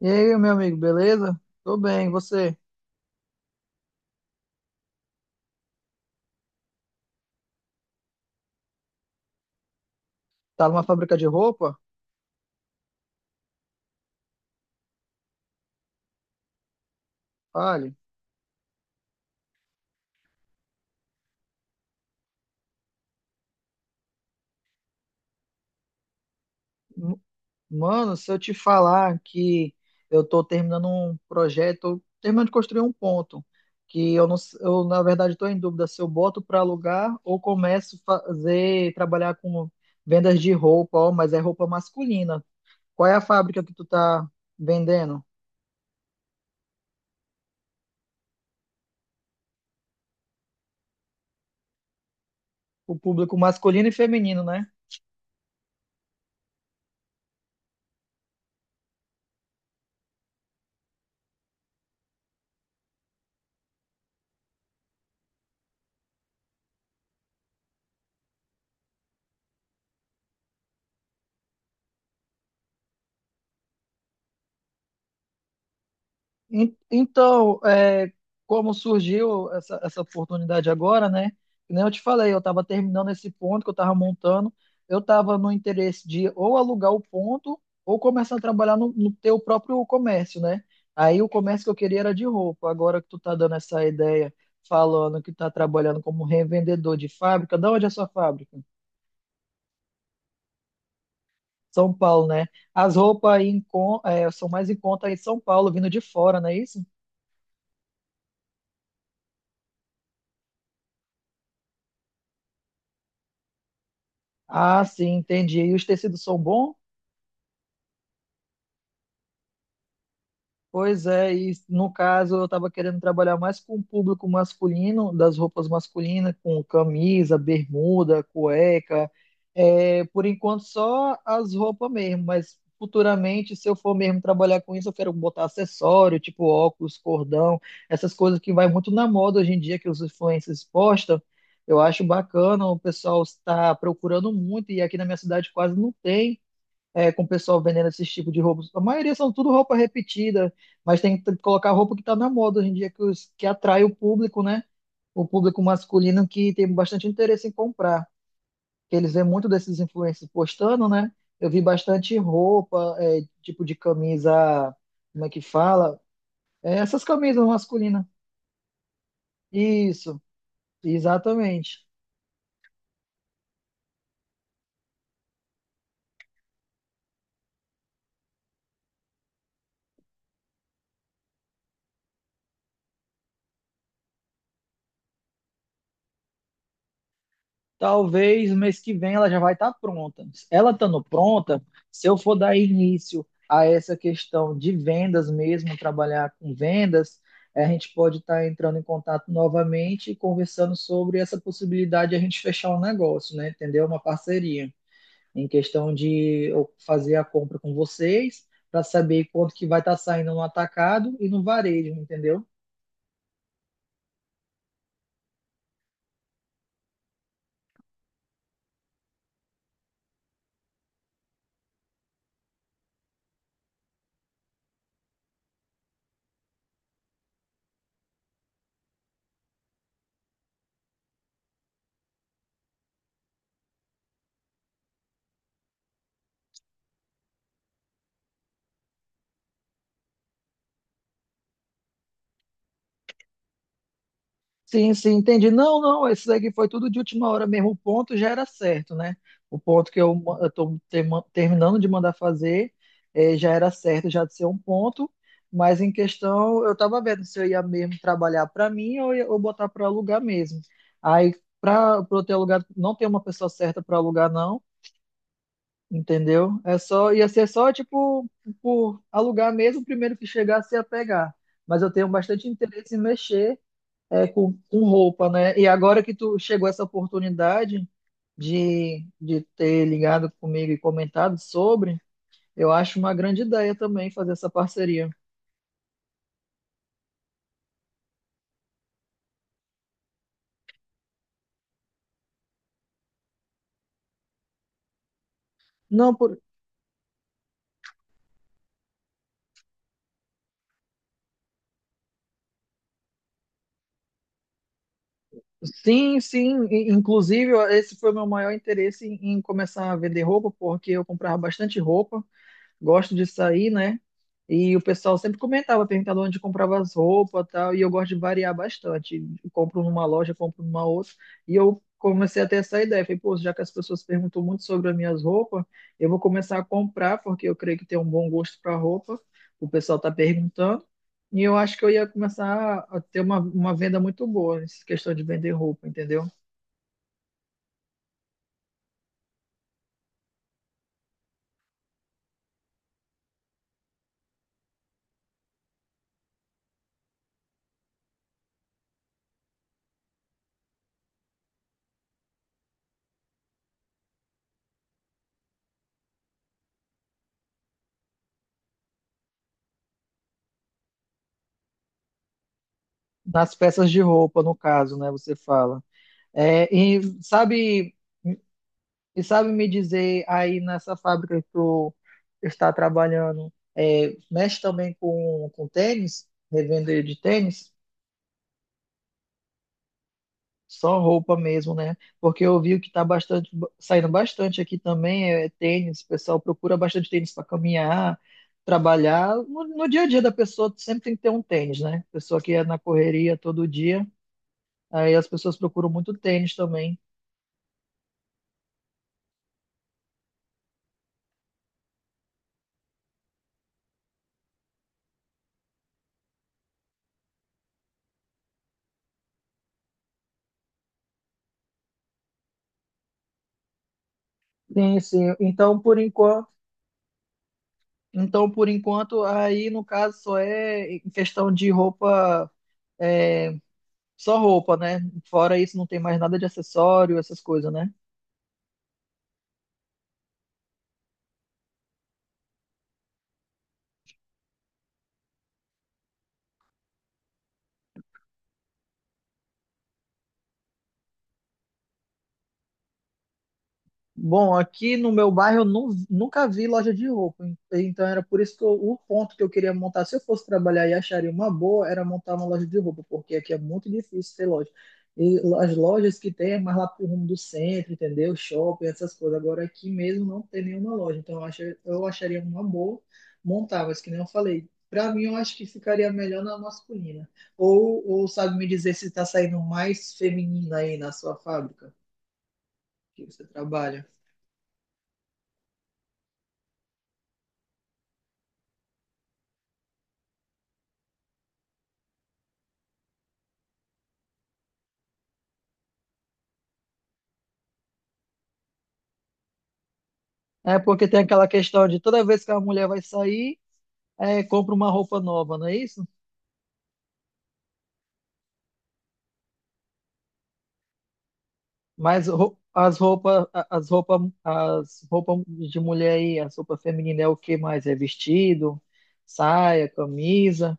E aí, meu amigo, beleza? Tô bem, e você? Tá numa fábrica de roupa? Fale. M- Mano, se eu te falar que eu tô terminando um projeto, terminando de construir um ponto, que eu não, eu na verdade tô em dúvida se eu boto para alugar ou começo a fazer, trabalhar com vendas de roupa, ó, mas é roupa masculina. Qual é a fábrica que tu tá vendendo? O público masculino e feminino, né? Então, é, como surgiu essa oportunidade agora, né? Que nem eu te falei, eu estava terminando esse ponto que eu estava montando, eu estava no interesse de ou alugar o ponto ou começar a trabalhar no, no teu próprio comércio, né? Aí o comércio que eu queria era de roupa. Agora que tu tá dando essa ideia, falando que tá trabalhando como revendedor de fábrica, da onde é a sua fábrica? São Paulo, né? As roupas aí em é, são mais em conta aí em São Paulo, vindo de fora, não é isso? Ah, sim, entendi. E os tecidos são bons? Pois é, e no caso eu estava querendo trabalhar mais com o público masculino, das roupas masculinas, com camisa, bermuda, cueca. É, por enquanto só as roupas mesmo, mas futuramente, se eu for mesmo trabalhar com isso, eu quero botar acessório, tipo óculos, cordão, essas coisas que vai muito na moda hoje em dia, que os influencers postam. Eu acho bacana, o pessoal está procurando muito, e aqui na minha cidade quase não tem. É, com o pessoal vendendo esses tipos de roupas. A maioria são tudo roupa repetida, mas tem que colocar roupa que está na moda hoje em dia, que, que atrai o público, né? O público masculino que tem bastante interesse em comprar. Que eles vêem muito desses influencers postando, né? Eu vi bastante roupa, é, tipo de camisa, como é que fala? É, essas camisas masculinas. Isso, exatamente. Talvez mês que vem ela já vai estar pronta. Ela estando pronta, se eu for dar início a essa questão de vendas mesmo, trabalhar com vendas, eh, a gente pode estar entrando em contato novamente e conversando sobre essa possibilidade de a gente fechar um negócio, né? Entendeu? Uma parceria em questão de eu fazer a compra com vocês para saber quanto que vai estar saindo no atacado e no varejo, entendeu? Sim, sim, entendi. Não, não, esse daqui foi tudo de última hora mesmo. O ponto já era certo, né? O ponto que eu estou terminando de mandar fazer eh, já era certo, já de ser um ponto, mas em questão eu estava vendo se eu ia mesmo trabalhar para mim ou, ou botar para alugar mesmo. Aí, para eu ter alugado, não tem uma pessoa certa para alugar, não, entendeu? É só, ia ser só, tipo, por alugar mesmo, o primeiro que chegasse ia pegar. Mas eu tenho bastante interesse em mexer é, com roupa, né? E agora que tu chegou essa oportunidade de ter ligado comigo e comentado sobre, eu acho uma grande ideia também fazer essa parceria. Não, por... sim, sim. Inclusive, esse foi o meu maior interesse em, em começar a vender roupa, porque eu comprava bastante roupa. Gosto de sair, né? E o pessoal sempre comentava, perguntava onde comprava as roupas e tal, e eu gosto de variar bastante. Eu compro numa loja, compro numa outra, e eu comecei a ter essa ideia. Falei, pô, já que as pessoas perguntam muito sobre as minhas roupas, eu vou começar a comprar, porque eu creio que tem um bom gosto para roupa, o pessoal tá perguntando, e eu acho que eu ia começar a ter uma venda muito boa nessa questão de vender roupa, entendeu? Nas peças de roupa, no caso, né, você fala. É, e sabe. E sabe me dizer aí nessa fábrica que tu está trabalhando, é, mexe também com tênis, revender de tênis? Só roupa mesmo, né? Porque eu vi que está bastante, saindo bastante aqui também, é tênis, o pessoal procura bastante tênis para caminhar, trabalhar. No, no dia a dia da pessoa sempre tem que ter um tênis, né? Pessoa que é na correria todo dia, aí as pessoas procuram muito tênis também. Sim, sim. Então, por enquanto. Então, por enquanto, aí no caso só é em questão de roupa, é, só roupa, né? Fora isso, não tem mais nada de acessório, essas coisas, né? Bom, aqui no meu bairro eu nunca vi loja de roupa, então era por isso que o ponto que eu queria montar, se eu fosse trabalhar e acharia uma boa, era montar uma loja de roupa, porque aqui é muito difícil ter loja. E as lojas que tem é mais lá pro rumo do centro, entendeu? Shopping, essas coisas. Agora aqui mesmo não tem nenhuma loja, então eu, eu acharia uma boa montar, mas que nem eu falei, para mim eu acho que ficaria melhor na masculina. Ou sabe me dizer se está saindo mais feminina aí na sua fábrica que você trabalha? É porque tem aquela questão de toda vez que a mulher vai sair, é, compra uma roupa nova, não é isso? Mas as roupas, as roupas de mulher aí, as roupas femininas é o que mais? É vestido, saia, camisa,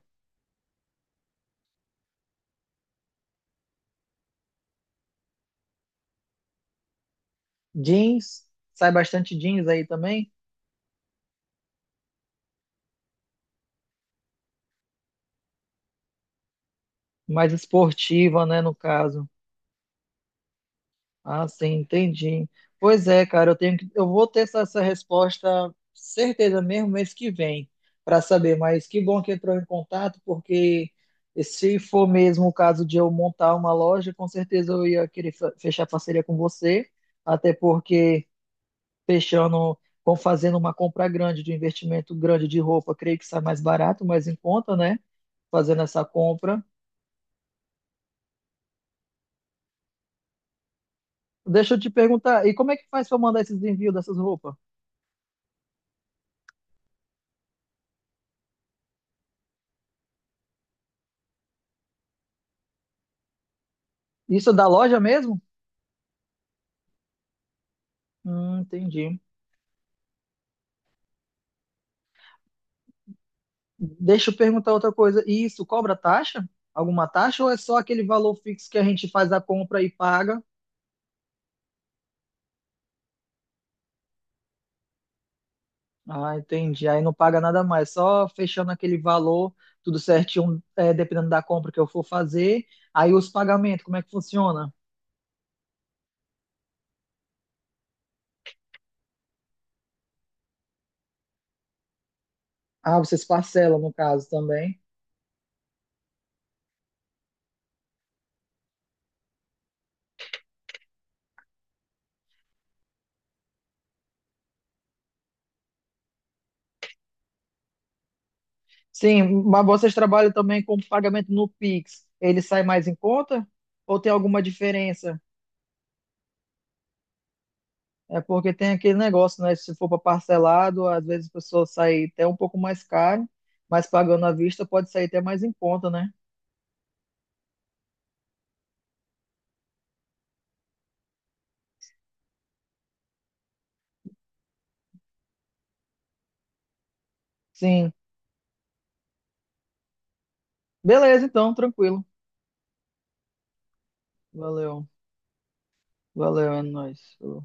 jeans. Sai bastante jeans aí também, mais esportiva, né, no caso. Ah, sim, entendi. Pois é, cara, eu tenho que, eu vou ter essa, essa resposta certeza mesmo mês que vem para saber, mas que bom que entrou em contato, porque se for mesmo o caso de eu montar uma loja, com certeza eu ia querer fechar parceria com você, até porque fechando, com fazendo uma compra grande de um investimento grande de roupa, creio que sai mais barato, mais em conta, né? Fazendo essa compra. Deixa eu te perguntar, e como é que faz para mandar esses envios dessas roupas? Isso é da loja mesmo? Entendi. Deixa eu perguntar outra coisa. E isso cobra taxa? Alguma taxa ou é só aquele valor fixo que a gente faz a compra e paga? Ah, entendi. Aí não paga nada mais, só fechando aquele valor, tudo certinho, é, dependendo da compra que eu for fazer. Aí os pagamentos, como é que funciona? Ah, vocês parcelam no caso também. Sim, mas vocês trabalham também com pagamento no Pix. Ele sai mais em conta? Ou tem alguma diferença? É porque tem aquele negócio, né? Se for para parcelado, às vezes a pessoa sai até um pouco mais caro, mas pagando à vista pode sair até mais em conta, né? Sim. Beleza, então, tranquilo. Valeu. Valeu, é nóis. Falou.